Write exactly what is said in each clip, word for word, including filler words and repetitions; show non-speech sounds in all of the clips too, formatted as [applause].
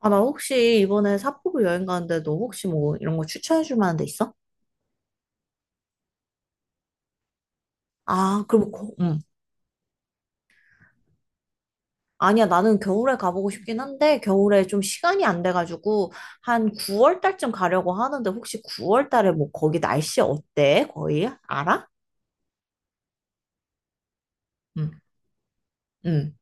아, 나 혹시 이번에 삿포로 여행 가는데 너 혹시 뭐 이런 거 추천해 줄 만한 데 있어? 아, 그럼 거- 응. 아니야, 나는 겨울에 가보고 싶긴 한데, 겨울에 좀 시간이 안 돼가지고, 한 구월 달쯤 가려고 하는데, 혹시 구월 달에 뭐 거기 날씨 어때? 거의? 알아? 응, 응.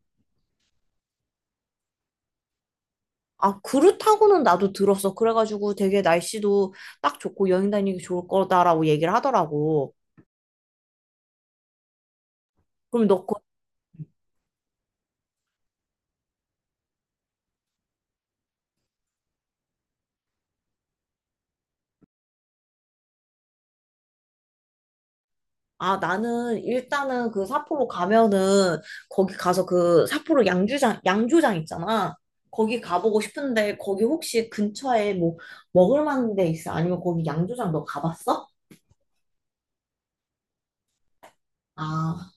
아, 그렇다고는 나도 들었어. 그래가지고 되게 날씨도 딱 좋고 여행 다니기 좋을 거다라고 얘기를 하더라고. 그럼 너 아, 나는 일단은 그 삿포로 가면은 거기 가서 그 삿포로 양주장, 양조장 있잖아. 거기 가보고 싶은데 거기 혹시 근처에 뭐 먹을 만한 데 있어? 아니면 거기 양조장 너 가봤어? 아,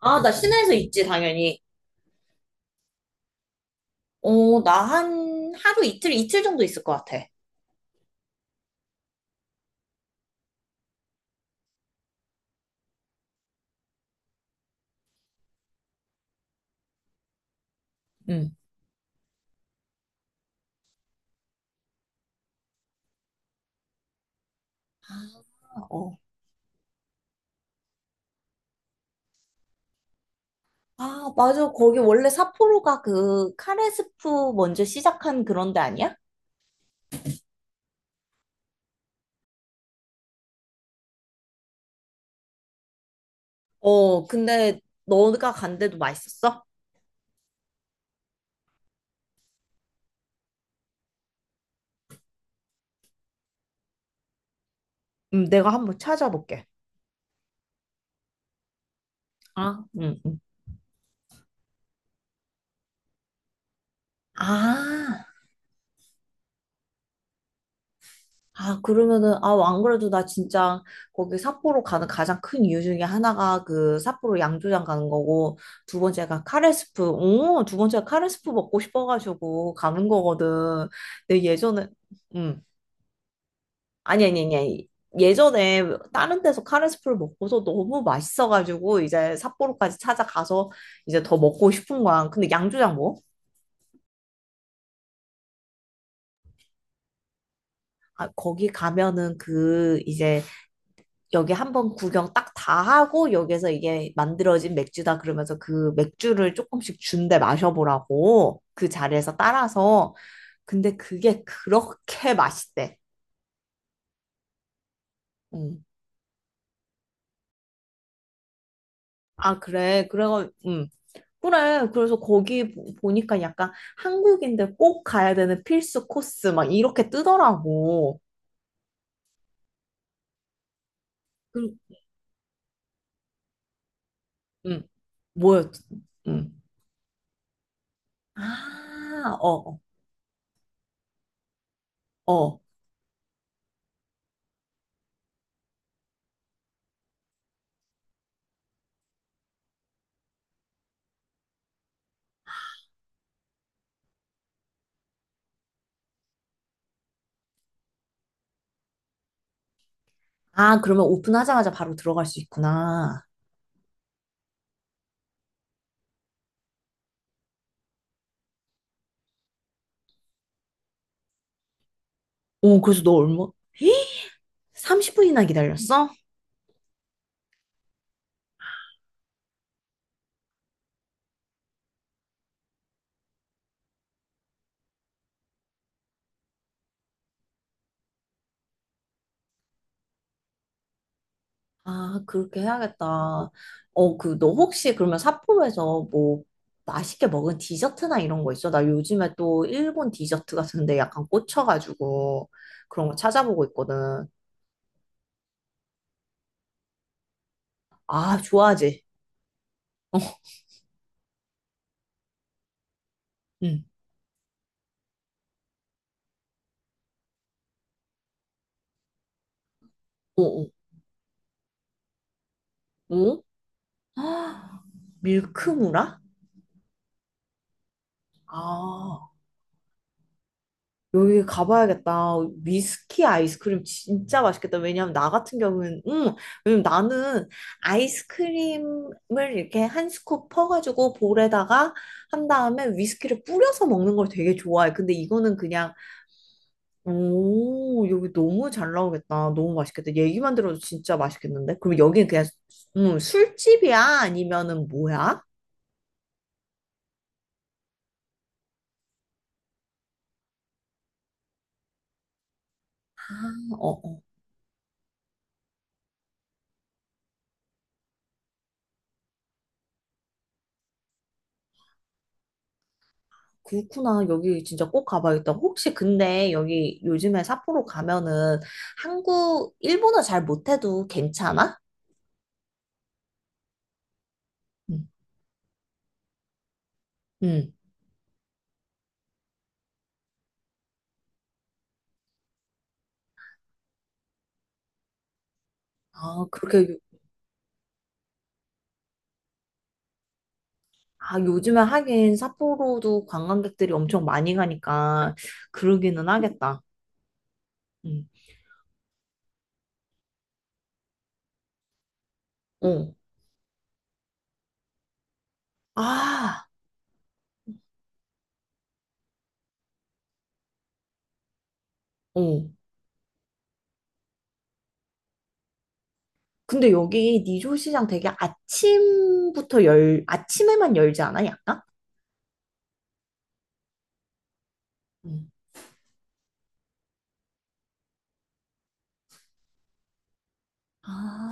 아, 나 시내에서 있지, 당연히. 어, 나 한 하루 이틀, 이틀 정도 있을 것 같아. 응. 아, 어. 아, 맞아. 거기 원래 삿포로가 그 카레스프 먼저 시작한 그런 데 아니야? 어, 근데 너가 간 데도 맛있었어? 음, 내가 한번 찾아볼게. 아, 응. 응. 아, 아, 그러면은, 아, 안 그래도 나 진짜 거기 삿포로 가는 가장 큰 이유 중에 하나가 그 삿포로 양조장 가는 거고, 두 번째가 카레스프, 오, 두 번째가 카레스프 먹고 싶어가지고 가는 거거든. 근데 예전에, 음, 아니, 아니, 아니, 아니. 예전에 다른 데서 카레스프를 먹고서 너무 맛있어가지고 이제 삿포로까지 찾아가서 이제 더 먹고 싶은 거야. 근데 양조장 뭐? 아, 거기 가면은 그 이제 여기 한번 구경 딱 다 하고 여기서 이게 만들어진 맥주다 그러면서 그 맥주를 조금씩 준대 마셔보라고 그 자리에서 따라서 근데 그게 그렇게 맛있대. 음. 아 그래 그래가 음. 그래 그래서 거기 보- 보니까 약간 한국인들 꼭 가야 되는 필수 코스 막 이렇게 뜨더라고. 그, 음. 뭐였지? 음. 아, 어, 어. 어. 아, 그러면 오픈하자마자 바로 들어갈 수 있구나. 오, 그래서 너 얼마? 에? 삼십 분이나 기다렸어? 아, 그렇게 해야겠다. 어, 그, 너 혹시 그러면 삿포로에서 뭐 맛있게 먹은 디저트나 이런 거 있어? 나 요즘에 또 일본 디저트 같은데 약간 꽂혀가지고 그런 거 찾아보고 있거든. 아, 좋아하지? 응. 오, 오, 오. 아, 밀크무라? 아, 여기 가봐야겠다. 위스키 아이스크림 진짜 맛있겠다. 왜냐면 나 같은 경우는, 음, 왜냐면 나는 아이스크림을 이렇게 한 스쿱 퍼가지고 볼에다가 한 다음에 위스키를 뿌려서 먹는 걸 되게 좋아해. 근데 이거는 그냥, 오, 여기 너무 잘 나오겠다. 너무 맛있겠다. 얘기만 들어도 진짜 맛있겠는데? 그럼 여기는 그냥, 음, 술집이야? 아니면은 뭐야? 아, 어, 어. 그렇구나. 여기 진짜 꼭 가봐야겠다. 혹시 근데 여기 요즘에 삿포로 가면은 한국, 일본어 잘 못해도 괜찮아? 응. 응. 아, 그렇게, 요- 아, 요즘에 하긴 삿포로도 관광객들이 엄청 많이 가니까 그러기는 하겠다. 응. 어. 아, 어. 근데 여기 니조 시장 되게 아침부터 열, 아침에만 열지 않아? 약간? 응. 아.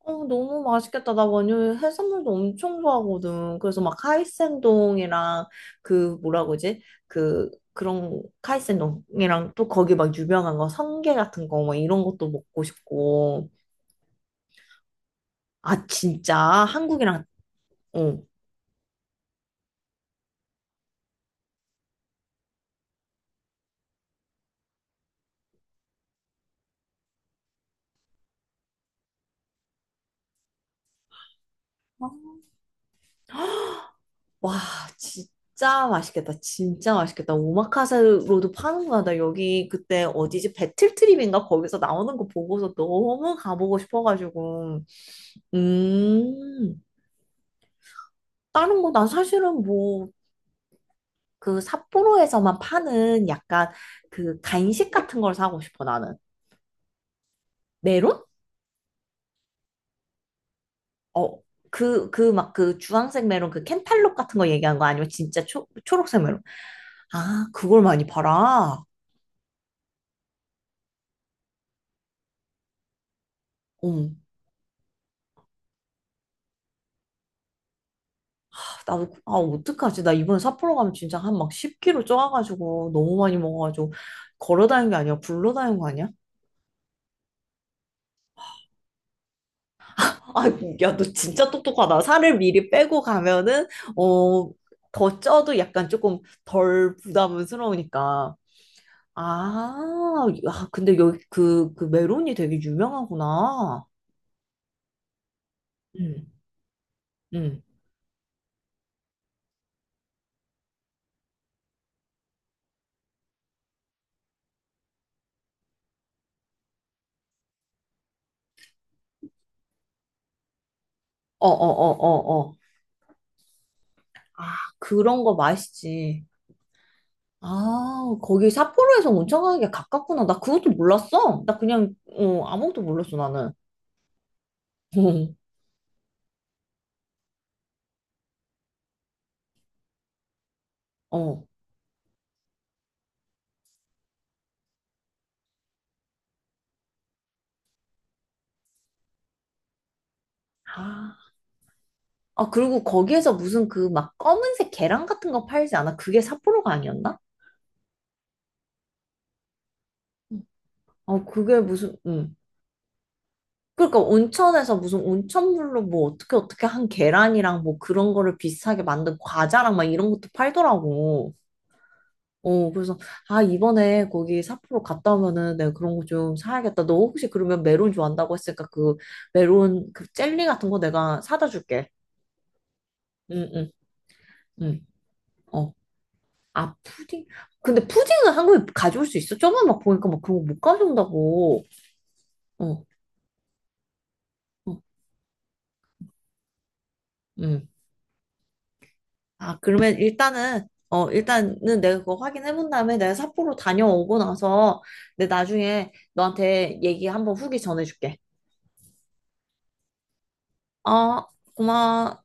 어, 너무 맛있겠다. 나 완전 해산물도 엄청 좋아하거든. 그래서 막 카이센동이랑 그 뭐라 그러지? 그 그런 카이센동이랑 또 거기 막 유명한 거 성게 같은 거 막 이런 것도 먹고 싶고. 아, 진짜 한국이랑 어. 와, 진짜 맛있겠다. 진짜 맛있겠다. 오마카세로도 파는구나. 나 여기 그때 어디지? 배틀트립인가? 거기서 나오는 거 보고서 너무 가보고 싶어가지고. 음. 다른 거, 난 사실은 뭐, 그 삿포로에서만 파는 약간 그 간식 같은 걸 사고 싶어, 나는. 메론? 어, 그, 그 막 그 주황색 메론, 그 캔탈록 같은 거 얘기한 거 아니면 진짜 초, 초록색 메론? 아, 그걸 많이 팔아? 음, 아, 나도, 그, 아, 어떡하지? 나 이번에 삿포로 가면 진짜 한 막 십 킬로그램 쪄가지고 너무 많이 먹어가지고 걸어 다니는 게 아니라 굴러 다니는 거 아니야? 아, 야, 너 진짜 똑똑하다. 살을 미리 빼고 가면은, 어, 더 쪄도 약간 조금 덜 부담스러우니까. 아, 야, 근데 여기 그, 그 메론이 되게 유명하구나. 응, 응. 어, 어, 어, 어, 어. 아, 그런 거 맛있지. 아, 거기 삿포로에서 온천가게 가깝구나. 나 그것도 몰랐어. 나 그냥, 어, 아무것도 몰랐어, 나는. [laughs] 어. 아. 아, 그리고 거기에서 무슨 그 막 검은색 계란 같은 거 팔지 않아? 그게 삿포로가 아니었나? 아, 그게 무슨, 음. 그러니까 온천에서 무슨 온천물로 뭐 어떻게 어떻게 한 계란이랑 뭐 그런 거를 비슷하게 만든 과자랑 막 이런 것도 팔더라고. 어, 그래서, 아, 이번에 거기 삿포로 갔다 오면은 내가 그런 거 좀 사야겠다. 너 혹시 그러면 메론 좋아한다고 했으니까 그 메론 그 젤리 같은 거 내가 사다 줄게. 응, 응, 응. 어, 아, 푸딩? 근데 푸딩은 한국에 가져올 수 있어? 저번에 막 보니까 막 그런 거 못 가져온다고. 어, 어, 음. 아, 그러면 일단은, 어, 일단은 내가 그거 확인해 본 다음에 내가 삿포로 다녀오고 나서 내 나중에 너한테 얘기 한번 후기 전해줄게. 어, 고마워.